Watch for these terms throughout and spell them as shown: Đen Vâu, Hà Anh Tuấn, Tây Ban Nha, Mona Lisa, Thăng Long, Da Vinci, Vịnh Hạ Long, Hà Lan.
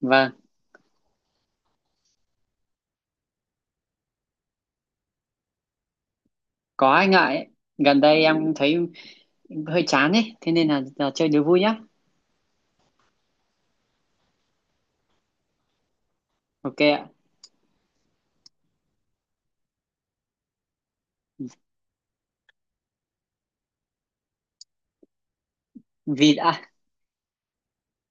Vâng, có anh ngại ấy. Gần đây em thấy hơi chán ấy, thế nên là chơi đố vui nhá. Ok ạ. Vịt à?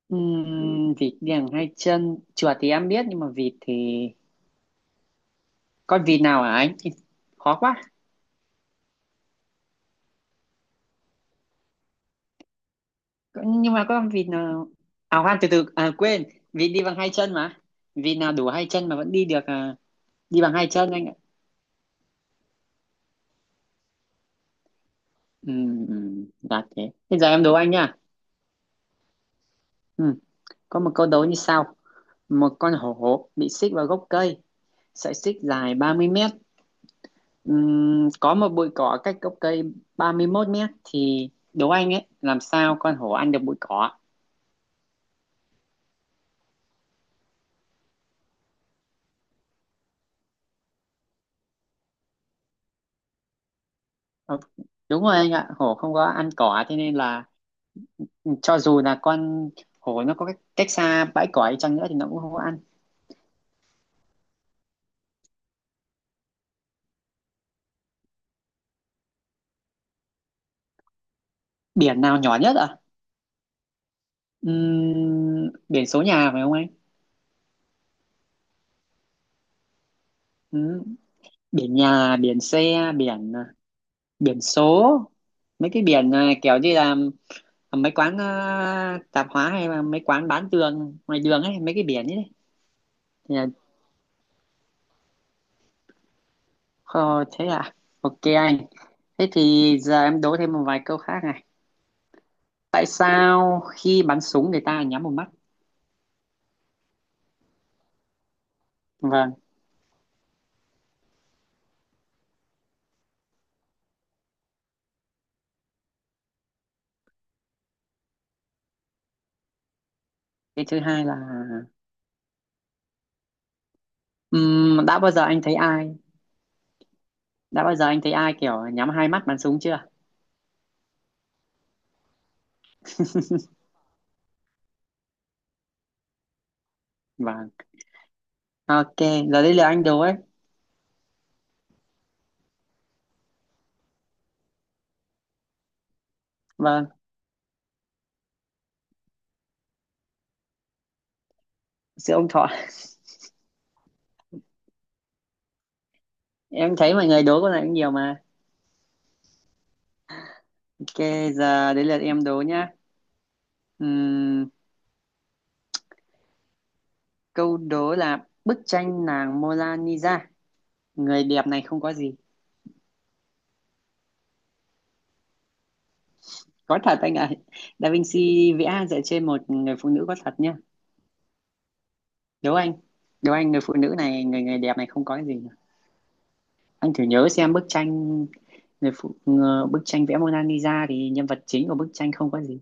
Vịt đèn hai chân, chuột thì em biết nhưng mà vịt thì con vịt nào hả anh? Thì khó quá. Nhưng mà con vịt nào à khoan từ từ à quên, vịt đi bằng hai chân mà. Vịt nào đủ hai chân mà vẫn đi được à, đi bằng hai chân anh ạ. Dạ thế. Bây giờ em đố anh nha. Ừm, có một câu đố như sau. Một con hổ bị xích vào gốc cây, sợi xích dài 30 mét. Có một bụi cỏ cách gốc cây 31 mét thì đố anh ấy làm sao con hổ ăn được bụi cỏ. Ờ, đúng rồi anh ạ, hổ không có ăn cỏ thế nên là cho dù là con hổ nó có cách xa bãi cỏ đi chăng nữa thì nó cũng không có ăn. Biển nào nhỏ nhất ạ? Biển số nhà phải không anh? Ừm, biển nhà biển xe biển à, biển số mấy cái biển à, kiểu như là à, mấy quán à, tạp hóa hay là mấy quán bán tường ngoài đường ấy mấy cái biển ấy. Ờ, thế à? Ok anh. Thế thì giờ em đố thêm một vài câu khác này. Tại sao khi bắn súng người ta nhắm một mắt? Vâng. Cái thứ hai là đã bao giờ anh thấy ai? Đã bao giờ anh thấy ai kiểu nhắm hai mắt bắn súng chưa? Vâng. Ok. Giờ đây là anh đố ấy. Vâng. Sự ông Thọ. Em thấy mọi người đố con này cũng nhiều mà. Ok. Giờ đến lượt em đố nhá. Ừm, câu đố là bức tranh nàng Mona Lisa. Người đẹp này không có gì có thật anh ạ. Da Vinci vẽ dựa trên một người phụ nữ có thật nhá. Đố anh, đố anh người phụ nữ này người người đẹp này không có cái gì cả. Anh thử nhớ xem bức tranh người phụ ngờ- bức tranh vẽ Mona Lisa thì nhân vật chính của bức tranh không có gì.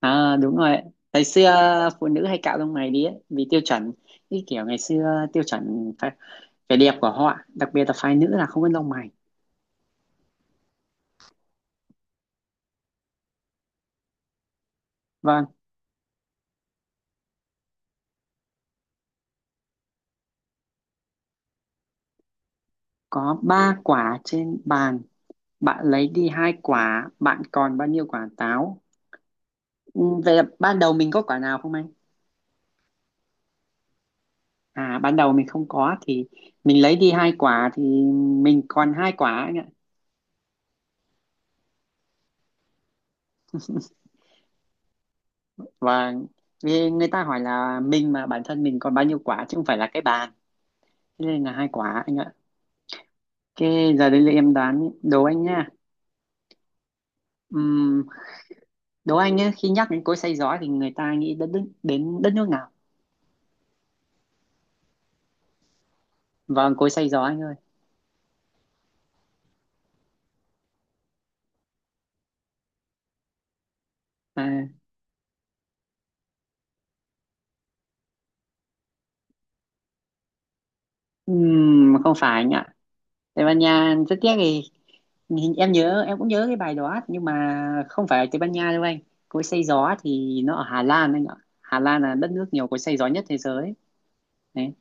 À đúng rồi, ngày xưa phụ nữ hay cạo lông mày đi ấy, vì tiêu chuẩn, cái kiểu ngày xưa tiêu chuẩn phải, vẻ đẹp của họ đặc biệt là phái nữ là không có lông mày. Vâng, có ba quả trên bàn, bạn lấy đi hai quả, bạn còn bao nhiêu quả táo? Về ban đầu mình có quả nào không anh? À ban đầu mình không có thì mình lấy đi hai quả thì mình còn hai quả anh ạ. Và vì người ta hỏi là mình mà bản thân mình còn bao nhiêu quả chứ không phải là cái bàn. Thế nên là hai quả anh ạ. Cái giờ đây là em đoán đố anh nha. Ừm, đố anh nhé, khi nhắc đến cối xay gió thì người ta nghĩ đến đất nước nào? Vâng, cối xay gió anh ơi. À, không phải anh ạ. Tây Ban Nha rất tiếc thì Nhìn- em nhớ em cũng nhớ cái bài đó nhưng mà không phải ở Tây Ban Nha đâu anh. Cối xay gió thì nó ở Hà Lan anh ạ. Hà Lan là đất nước nhiều cối xay gió nhất thế giới. Đấy,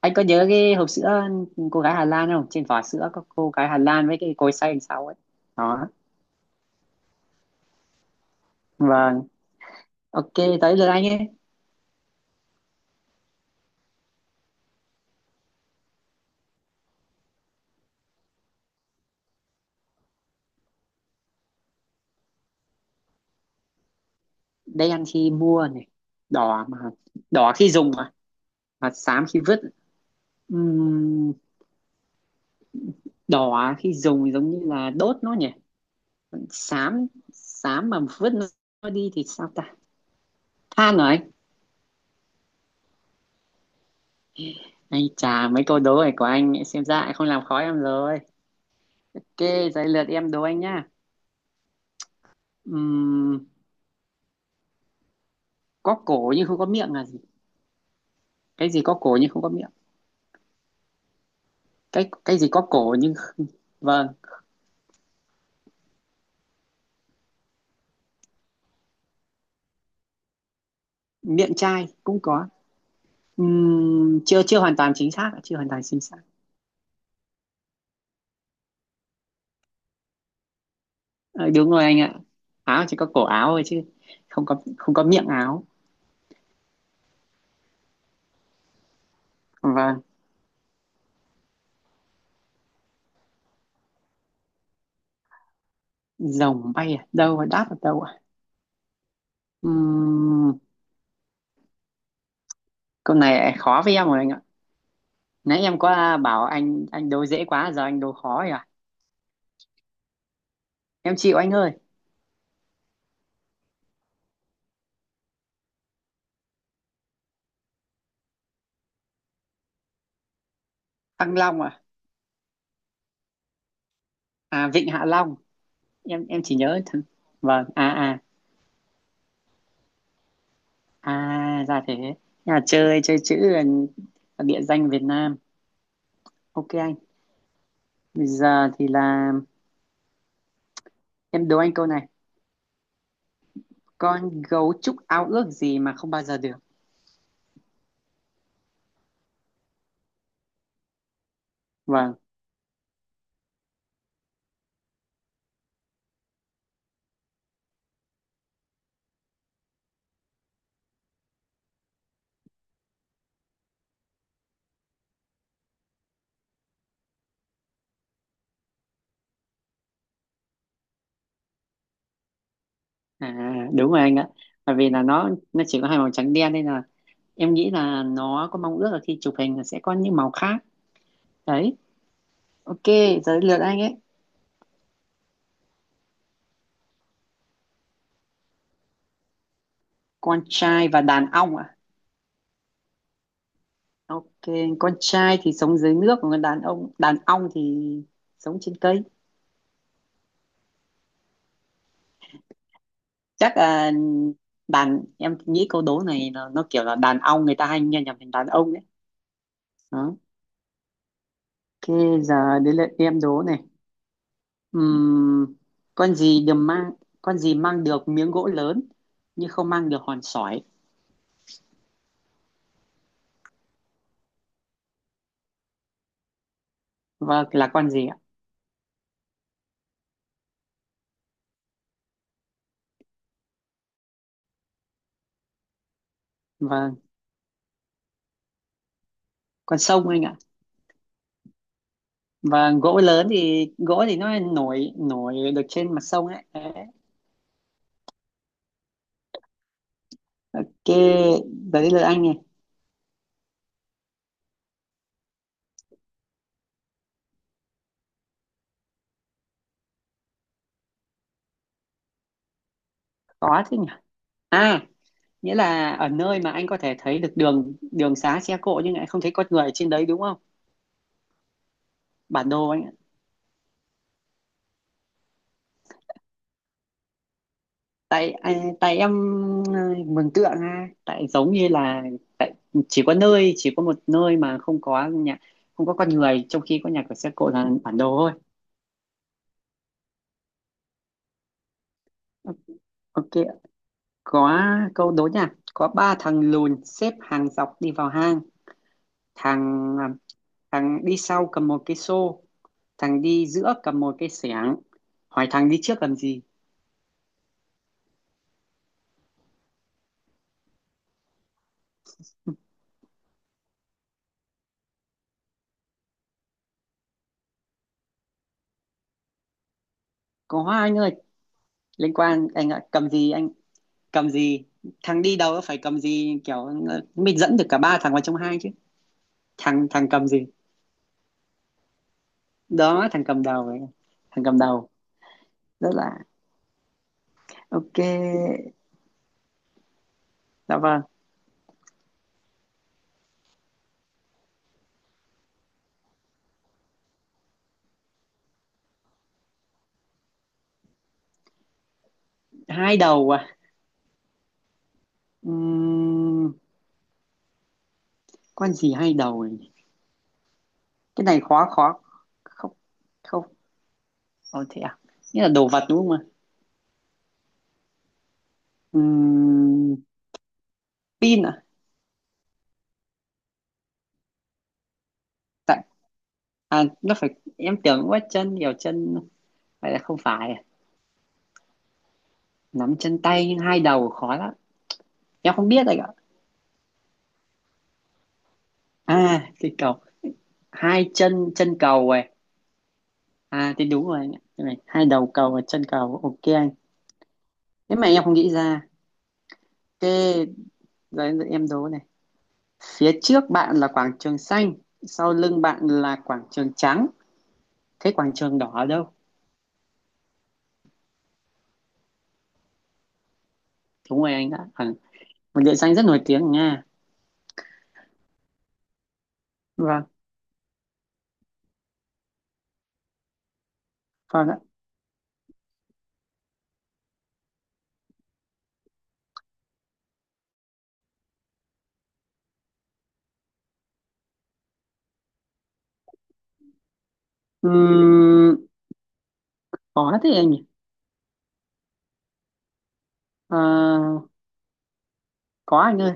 anh có nhớ cái hộp sữa cô gái Hà Lan không, trên vỏ sữa có cô gái Hà Lan với cái cối xay đằng sau ấy. Đó. Vâng. Ok. Tới lượt anh ấy. Đây ăn khi mua này, đỏ mà, đỏ khi dùng mà, và xám khi vứt. Ừm, đỏ khi dùng thì giống như là đốt nó nhỉ. Còn xám, xám mà vứt nó đi thì sao ta, than rồi anh. Anh chà, mấy câu đố này của anh ấy, xem ra lại không làm khó em rồi. Ok, giấy lượt em đố anh nhá. Ừm, có cổ nhưng không có miệng là gì? Cái gì có cổ nhưng không có miệng? Cái gì có cổ nhưng không- vâng, miệng chai cũng có. Chưa chưa hoàn toàn chính xác, ạ, chưa hoàn toàn chính xác. Ờ, đúng rồi anh ạ. Áo chỉ có cổ áo thôi chứ không có miệng áo. Vâng, rồng bay ở đâu đáp ở đâu ạ? Ừm, câu này khó với em rồi anh ạ. Nãy em có bảo anh đố dễ quá giờ anh đố khó rồi ạ. Em chịu anh ơi. Thăng Long à, à Vịnh Hạ Long. Em chỉ nhớ thằng, vâng, à à, à ra thế. Nhà chơi chơi chữ là địa danh Việt Nam. Ok anh, bây giờ thì là em đố anh câu này. Con gấu trúc ao ước gì mà không bao giờ được? Vâng. À đúng rồi anh ạ, bởi vì là nó chỉ có hai màu trắng đen nên là em nghĩ là nó có mong ước là khi chụp hình là sẽ có những màu khác. Đấy. Ok. Giờ đến lượt anh ấy. Con trai và đàn ong ạ. Ok, con trai thì sống dưới nước, còn đàn ông đàn ong thì sống trên cây. Chắc là đàn em nghĩ câu đố này nó kiểu là đàn ong người ta hay nghe nhầm thành đàn ông đấy. Đó. Ok, giờ đến lượt em đố này. Ừm, con gì được mang, con gì mang được miếng gỗ lớn nhưng không mang được hòn sỏi. Vâng, là con gì ạ? Vâng, con sông anh ạ. Vâng, gỗ lớn thì gỗ thì nó nổi nổi được trên mặt sông ấy. Đấy. Ok, giờ đến lượt anh này. Có thế nhỉ? À, nghĩa là ở nơi mà anh có thể thấy được đường đường xá xe cộ nhưng lại không thấy con người ở trên đấy đúng không? Bản đồ anh ạ. Tại anh- tại em, ờ, mường tượng ha tại giống như là chỉ có nơi chỉ có một nơi mà không có nhà, không có con người trong khi có nhà cửa xe cộ là bản đồ thôi. Ok, có câu đố nha, có ba thằng lùn xếp hàng dọc đi vào hang, thằng à, thằng đi sau cầm một cái xô, thằng đi giữa cầm một cái xẻng, hỏi thằng đi trước làm gì. Có anh ơi, liên quan anh ạ, cầm gì anh, cầm gì, thằng đi đầu phải cầm gì kiểu mình dẫn được cả ba thằng vào trong hai chứ, thằng thằng cầm gì. Đó thằng cầm đầu ấy. Thằng cầm đầu rất là. Ok. Dạ vâng. Hai đầu à? Ừm, con gì hai đầu ấy? Cái này khó khó không. Không. Ồ thế à, nghĩa là đồ vật đúng không ạ? Ừm, pin à? Tại à nó phải em tưởng quá chân nhiều chân, vậy là không phải à? Nắm chân tay nhưng hai đầu khó lắm. Em không biết anh ạ. À cái cầu, hai chân chân cầu này, à thì đúng rồi anh ạ. Cái này hai đầu cầu và chân cầu. Ok anh, nếu mà em không nghĩ ra. Ok rồi, giờ em đố này. Phía trước bạn là quảng trường xanh, sau lưng bạn là quảng trường trắng, thế quảng trường đỏ ở đâu? Đúng rồi anh ạ, à, một địa danh rất nổi tiếng ở Nga. Vâng. Vâng ạ. Ừm, có thế anh nhỉ. Ờ, có anh ơi.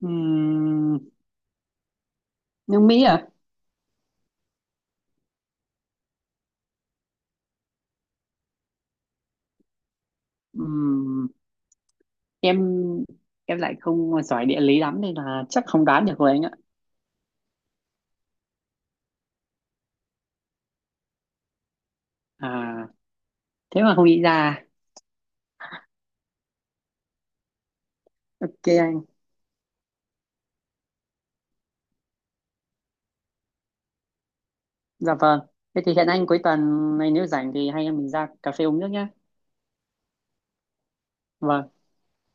Ừm, nước Mỹ à? Ừm, em em lại không giỏi địa lý lắm nên là chắc không đoán được rồi anh ạ. À thế mà không nghĩ ra. Ok anh. Dạ vâng. Thế thì hẹn anh cuối tuần này nếu rảnh thì hai anh em mình ra cà phê uống nước nhá. Vâng.